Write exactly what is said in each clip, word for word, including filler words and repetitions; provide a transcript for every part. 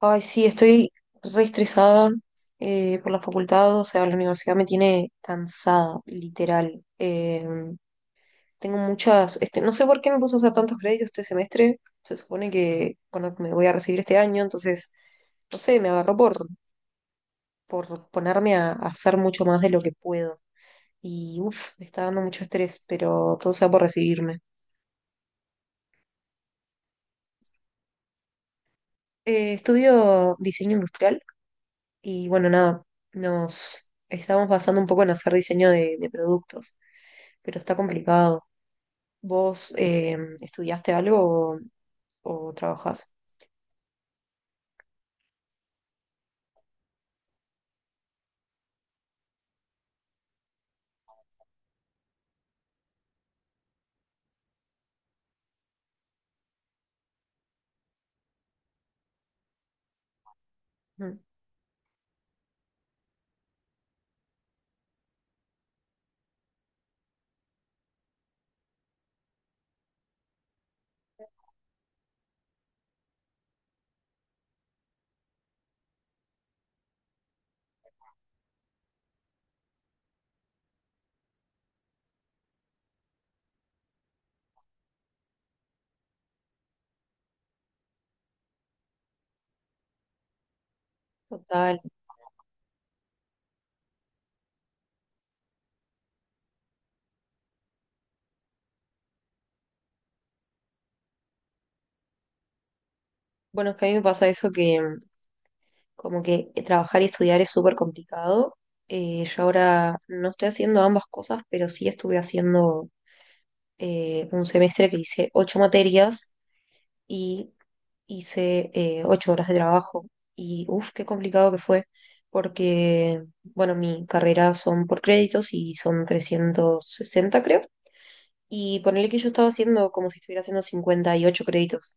Ay, sí, estoy re estresada eh, por la facultad, o sea, la universidad me tiene cansada, literal. Eh, tengo muchas, este, no sé por qué me puse a hacer tantos créditos este semestre. Se supone que, bueno, me voy a recibir este año, entonces, no sé, me agarró por, por, ponerme a, a hacer mucho más de lo que puedo. Y uff, me está dando mucho estrés, pero todo sea por recibirme. Eh, estudio diseño industrial. Y bueno, nada, nos estamos basando un poco en hacer diseño de, de, productos, pero está complicado. ¿Vos eh, estudiaste algo o, o trabajás? Mm. Total. Bueno, es que a mí me pasa eso que mm, como que trabajar y estudiar es súper complicado. Eh, yo ahora no estoy haciendo ambas cosas, pero sí estuve haciendo eh, un semestre que hice ocho materias y hice eh, ocho horas de trabajo y uff, qué complicado que fue, porque, bueno, mi carrera son por créditos y son trescientos sesenta, creo. Y ponerle que yo estaba haciendo como si estuviera haciendo cincuenta y ocho créditos.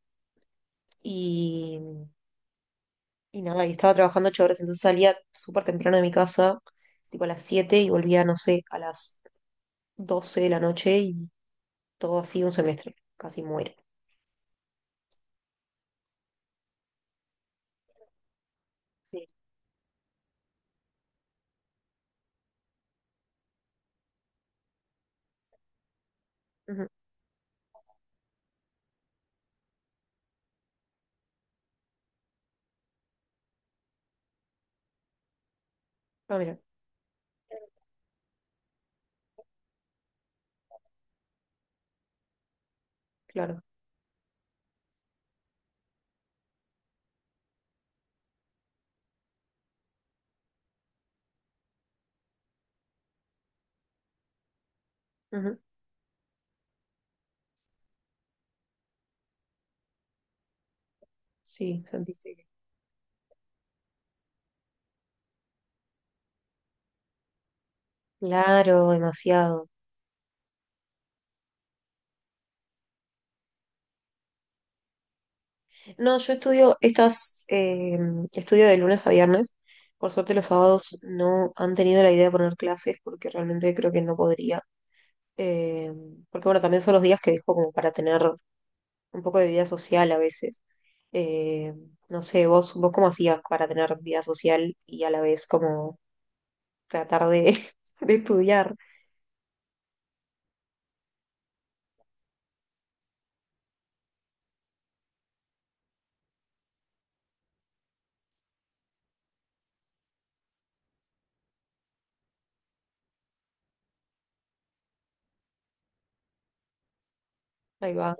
Y, y nada, y estaba trabajando ocho horas. Entonces salía súper temprano de mi casa, tipo a las siete, y volvía, no sé, a las doce de la noche, y todo así un semestre. Casi muere. Sí. Ujú. Ah, mira, claro. Ujú. Sí, sentiste. que- Claro, demasiado. No, yo estudio estas, eh, estudio de lunes a viernes. Por suerte los sábados no han tenido la idea de poner clases porque realmente creo que no podría. Eh, porque bueno, también son los días que dejo como para tener un poco de vida social a veces. Eh, no sé, vos, vos cómo hacías para tener vida social y a la vez como tratar de, de estudiar. Ahí va.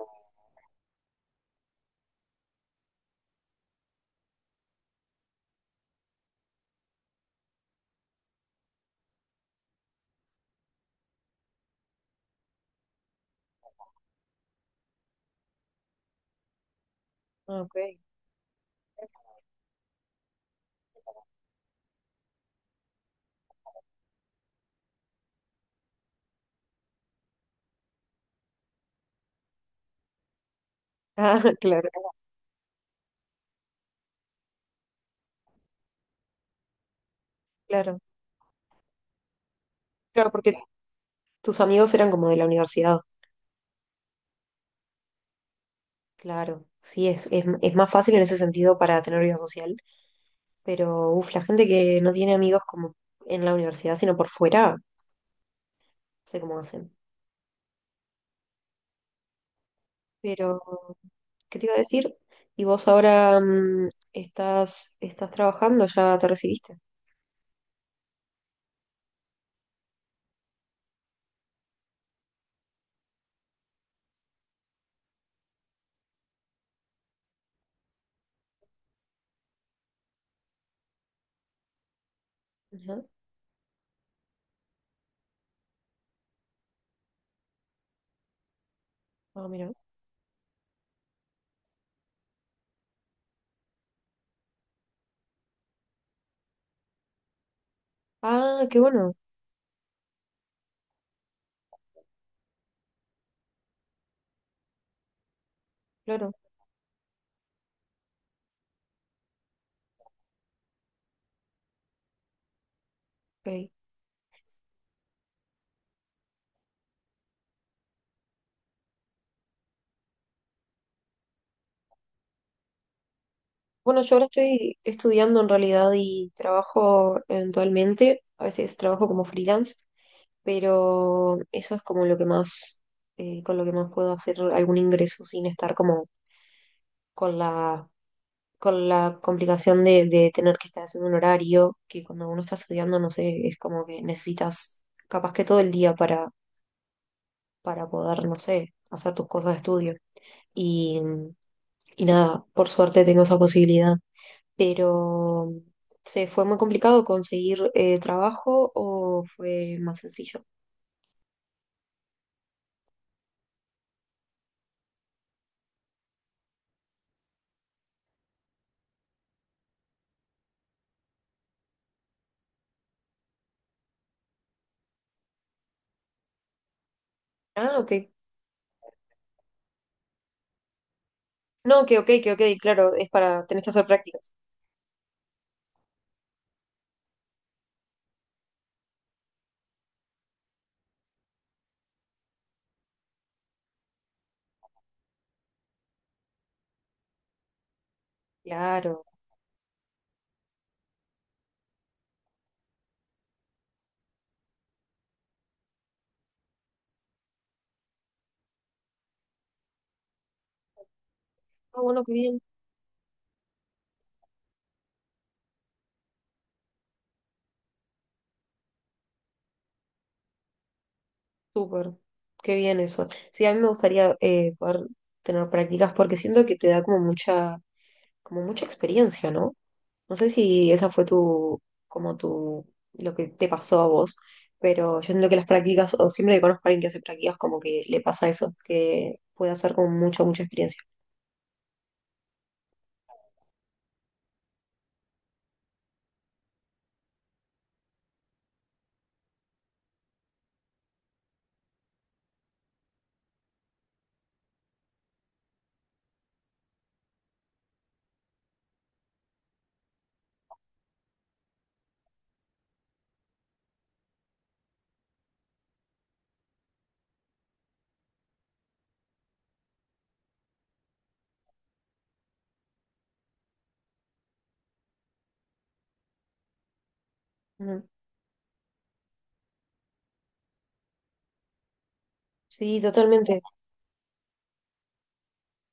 Ah, ok. Ah, claro, claro. Claro, porque tus amigos eran como de la universidad. Claro, sí, es, es, es más fácil en ese sentido para tener vida social, pero uf, la gente que no tiene amigos como en la universidad, sino por fuera, no sé cómo hacen. Pero, ¿qué te iba a decir? ¿Y vos ahora mm, estás, estás trabajando? ¿Ya te recibiste? Ajá. Ah, mira. Ah, qué bueno, claro, ok. Bueno, yo ahora estoy estudiando en realidad y trabajo eventualmente. A veces trabajo como freelance, pero eso es como lo que más, eh, con lo que más puedo hacer algún ingreso sin estar como con la, con la complicación de, de, tener que estar haciendo un horario, que cuando uno está estudiando, no sé, es como que necesitas capaz que todo el día para, para poder, no sé, hacer tus cosas de estudio. Y, y nada, por suerte tengo esa posibilidad, pero... ¿Se fue muy complicado conseguir eh, trabajo o fue más sencillo? Ah, ok. No, que ok, que ok, claro, es para, tenés que hacer prácticas. Claro. Ah, bueno, qué bien, súper. Qué bien eso. Sí, a mí me gustaría eh, poder tener prácticas porque siento que te da como mucha, como mucha experiencia, ¿no? No sé si esa fue tu, como tu, lo que te pasó a vos, pero yo siento que las prácticas, o siempre que conozco a alguien que hace prácticas, como que le pasa eso, que puede hacer como mucha, mucha experiencia. Ujú. Sí, totalmente.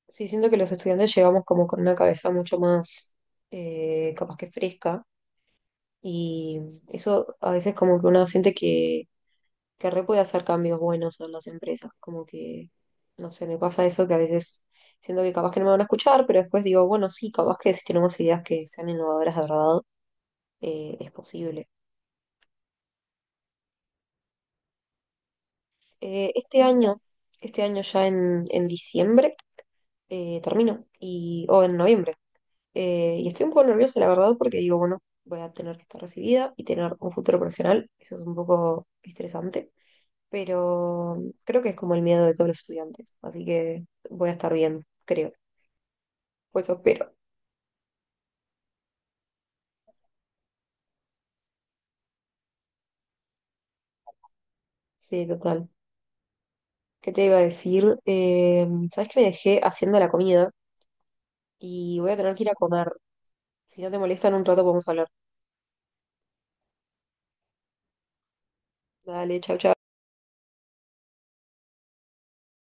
Sí, siento que los estudiantes llegamos como con una cabeza mucho más eh, capaz que fresca, y eso a veces como que uno siente que, que re puede hacer cambios buenos en las empresas, como que, no sé, me pasa eso que a veces siento que capaz que no me van a escuchar. Pero después digo, bueno, sí, capaz que si tenemos ideas que sean innovadoras de verdad, eh, es posible. Eh, este año, este año ya en, en, diciembre eh, termino, y, o en noviembre. Eh, y estoy un poco nerviosa, la verdad, porque digo, bueno, voy a tener que estar recibida y tener un futuro profesional. Eso es un poco estresante, pero creo que es como el miedo de todos los estudiantes. Así que voy a estar bien, creo. Pues eso espero. Sí, total. ¿Qué te iba a decir? Eh, ¿sabes que me dejé haciendo la comida? Y voy a tener que ir a comer. Si no te molesta, en un rato podemos hablar. Dale, chau, chau.